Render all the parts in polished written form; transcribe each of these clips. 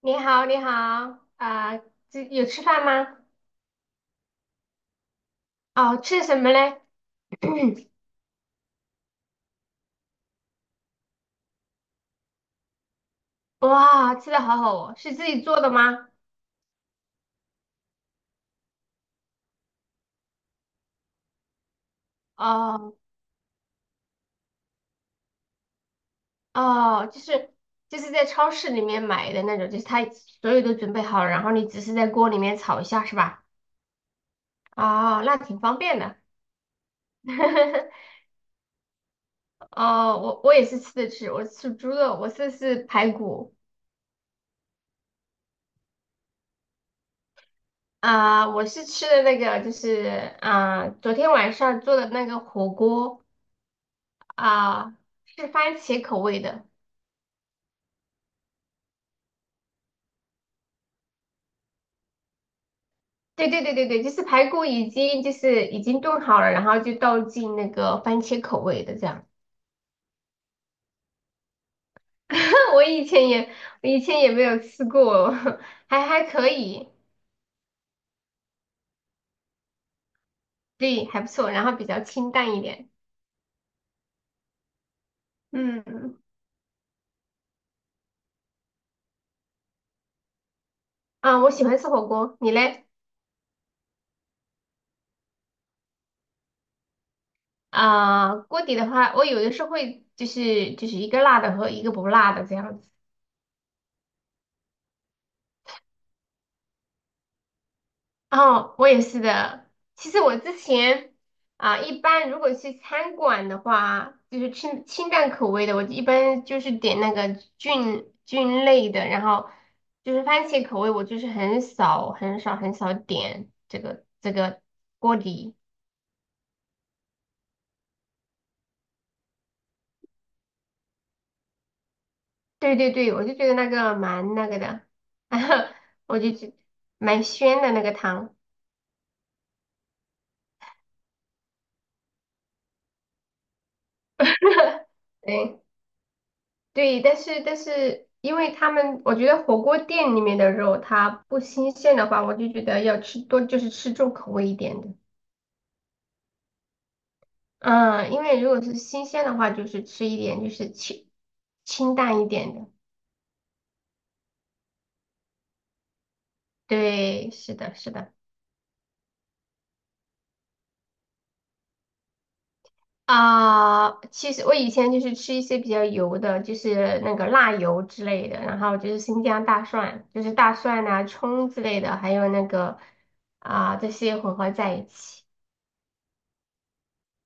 你好，你好，啊、这有吃饭吗？哦，吃什么嘞？哇，吃的好好哦，是自己做的吗？哦哦，就是在超市里面买的那种，就是他所有都准备好了，然后你只是在锅里面炒一下，是吧？哦，那挺方便的。哦，我也是吃的，我吃猪肉，我吃的是排骨。我是吃的那个，就是昨天晚上做的那个火锅。啊，是番茄口味的。对对对对对，就是排骨已经就是已经炖好了，然后就倒进那个番茄口味的这样。我以前也我以前也没有吃过，还可以。对，还不错，然后比较清淡一点。嗯。我喜欢吃火锅，你嘞？锅底的话，我有的时候会就是一个辣的和一个不辣的这样子。哦，我也是的。其实我之前一般如果去餐馆的话，就是清淡口味的，我一般就是点那个菌类的，然后就是番茄口味，我就是很少很少很少点这个锅底。对对对，我就觉得那个蛮那个的。我就觉蛮鲜的那个汤。对。对，但是，因为他们，我觉得火锅店里面的肉它不新鲜的话，我就觉得要吃多，就是吃重口味一点的。嗯，因为如果是新鲜的话，就是吃一点，就是清淡一点的。对，是的，是的。其实我以前就是吃一些比较油的，就是那个辣油之类的，然后就是新疆大蒜，就是大蒜呐、葱之类的，还有那个这些混合在一起。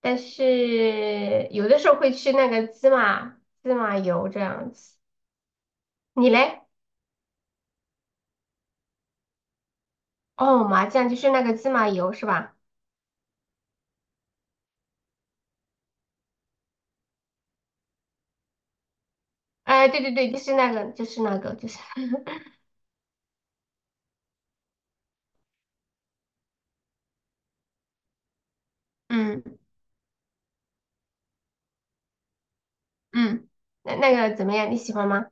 但是有的时候会吃那个芝麻油这样子。你嘞？哦，麻酱就是那个芝麻油是吧？哎，对对对，就是那个，就是那个，就是，嗯嗯，那个怎么样？你喜欢吗？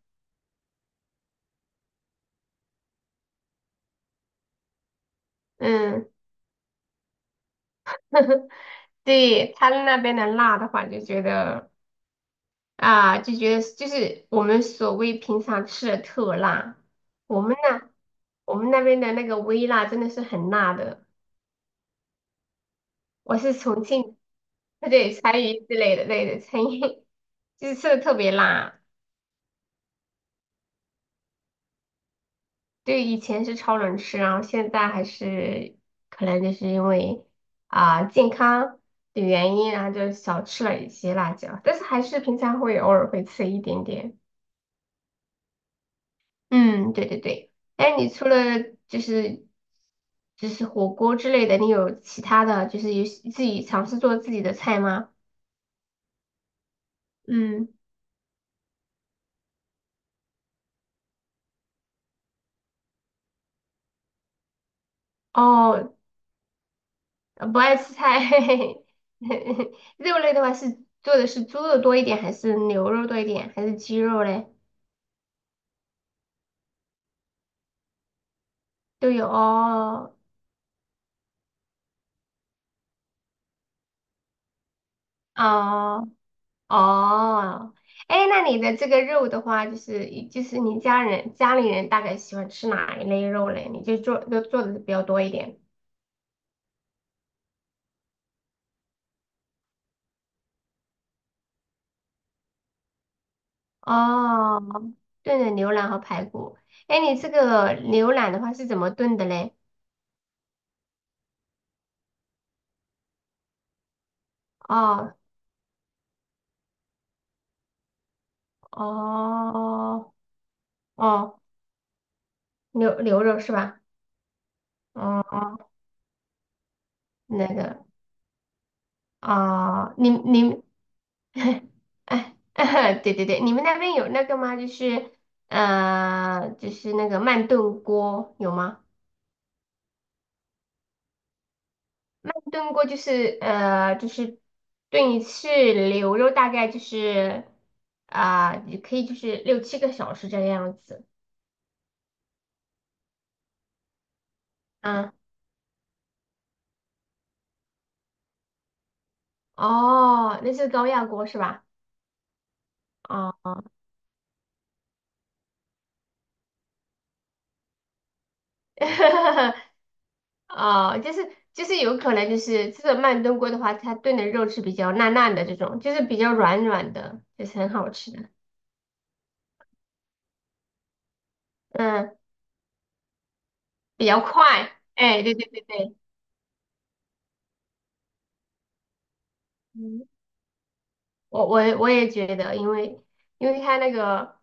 嗯，对，他们那边的辣的话，就觉得就是我们所谓平常吃的特辣，我们那我们那边的那个微辣真的是很辣的。我是重庆，对，川渝之类的，对的，川渝就是吃的特别辣。对，以前是超能吃，然后现在还是可能就是因为健康的原因，然后就少吃了一些辣椒，但是还是平常会偶尔会吃一点点。嗯，对对对。哎，你除了就是就是火锅之类的，你有其他的就是有自己尝试做自己的菜吗？嗯，哦，不爱吃菜。肉类的话做的是猪肉多一点，还是牛肉多一点，还是鸡肉嘞？都有哦哦。哦。哎，那你的这个肉的话，就是你家里人大概喜欢吃哪一类肉嘞？你就做的比较多一点。哦，炖的牛腩和排骨。哎，你这个牛腩的话是怎么炖的嘞？哦哦哦，牛肉是吧？哦，那个你们，哎，对对对，你们那边有那个吗？就是就是那个慢炖锅有吗？慢炖锅就是就是炖一次牛肉，大概就是也可以就是6、7个小时这个样子。嗯，哦，那是高压锅是吧？哦，哦，就是有可能就是这种慢炖锅的话，它炖的肉是比较烂烂的这种，就是比较软软的，就是很好吃的。嗯，比较快。哎，对对对对。嗯，我也觉得，因为它那个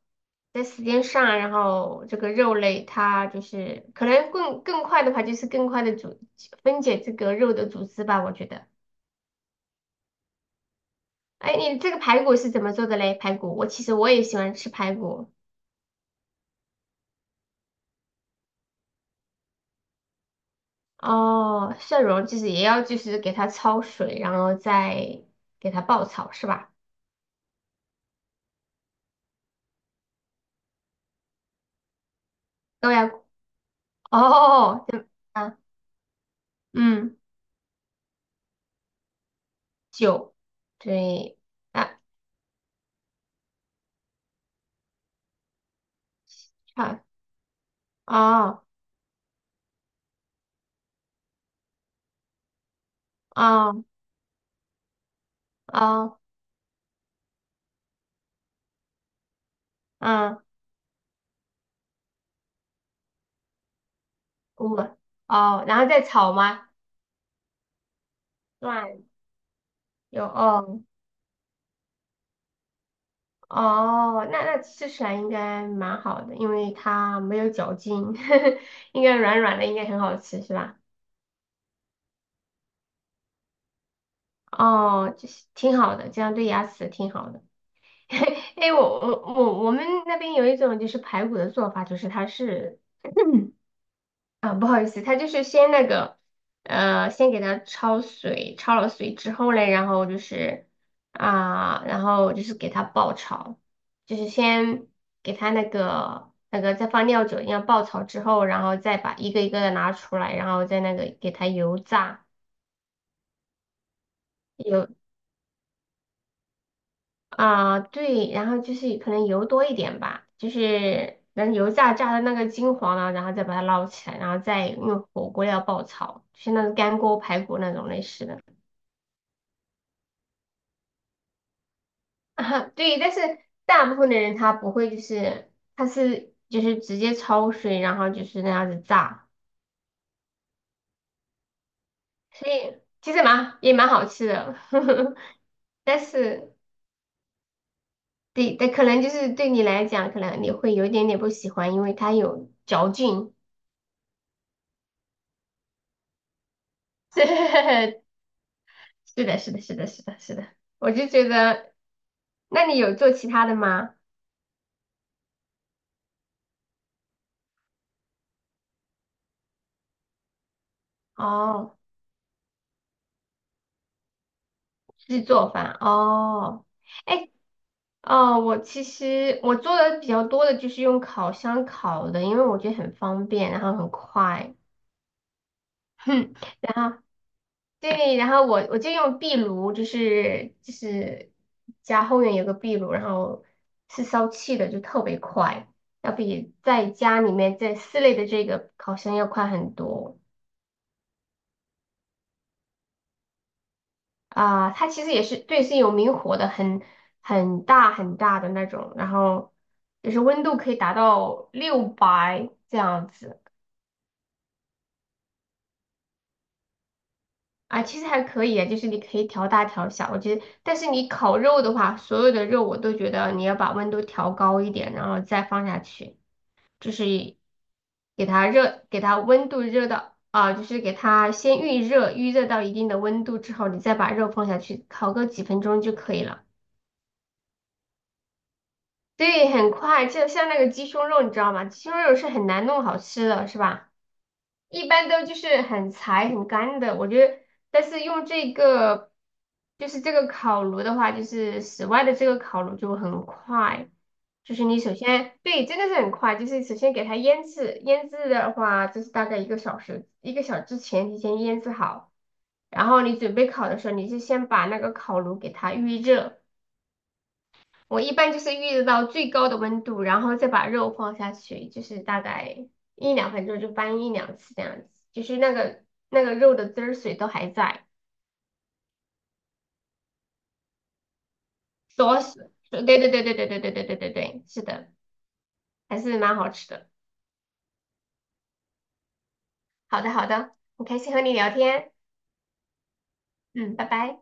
在时间上，然后这个肉类它就是可能更快的话，就是更快的分解这个肉的组织吧，我觉得。哎，你这个排骨是怎么做的嘞？排骨，我其实我也喜欢吃排骨。哦，蒜蓉就是也要就是给它焯水，然后再给它爆炒是吧？高压锅。哦，对。啊，嗯，酒，对。啊，差。哦哦哦，嗯，我哦，然后再炒吗？蒜。有哦。哦，那吃起来应该蛮好的，因为它没有嚼劲，应该软软的，应该很好吃是吧？哦，就是挺好的，这样对牙齿挺好的。哎，我们那边有一种就是排骨的做法，就是它是，不好意思，它就是先那个，先给它焯水，焯了水之后嘞，然后就是然后就是给它爆炒，就是先给它那个再放料酒一样爆炒之后，然后再把一个一个的拿出来，然后再那个给它油炸。对，然后就是可能油多一点吧，就是等油炸的那个金黄了，然后再把它捞起来，然后再用火锅料爆炒，就是那种干锅排骨那种类似的。对，但是大部分的人他不会，就是他是就是直接焯水，然后就是那样子炸，所以其实也蛮好吃的。但是对，但可能就是对你来讲，可能你会有一点点不喜欢，因为它有嚼劲。是的，是的，是的，是的，是的，我就觉得，那你有做其他的吗？哦，是做饭哦。哎，哦，其实我做的比较多的就是用烤箱烤的，因为我觉得很方便，然后很快。哼，然后对，然后我就用壁炉，就是家后院有个壁炉，然后是烧气的，就特别快，要比在家里面在室内的这个烤箱要快很多。它其实也是对，是有明火的，很很大的那种，然后就是温度可以达到600这样子。其实还可以啊，就是你可以调大调小，我觉得，但是你烤肉的话，所有的肉我都觉得你要把温度调高一点，然后再放下去，就是给它热，给它温度热到就是给它先预热，预热到一定的温度之后，你再把肉放下去，烤个几分钟就可以了。对，很快，就像那个鸡胸肉，你知道吗？鸡胸肉是很难弄好吃的，是吧？一般都就是很柴、很干的。我觉得，但是用这个，就是这个烤炉的话，就是室外的这个烤炉就很快。就是你首先，对，真的是很快。就是首先给它腌制，腌制的话就是大概一个小时，一个小时之前提前腌制好。然后你准备烤的时候，你就先把那个烤炉给它预热。我一般就是预热到最高的温度，然后再把肉放下去，就是大概1、2分钟就翻1、2次这样子，就是那个肉的汁儿水都还在，锁死。对对对对对对对对对对对，是的，还是蛮好吃的。好的好的，很开心和你聊天，嗯，拜拜。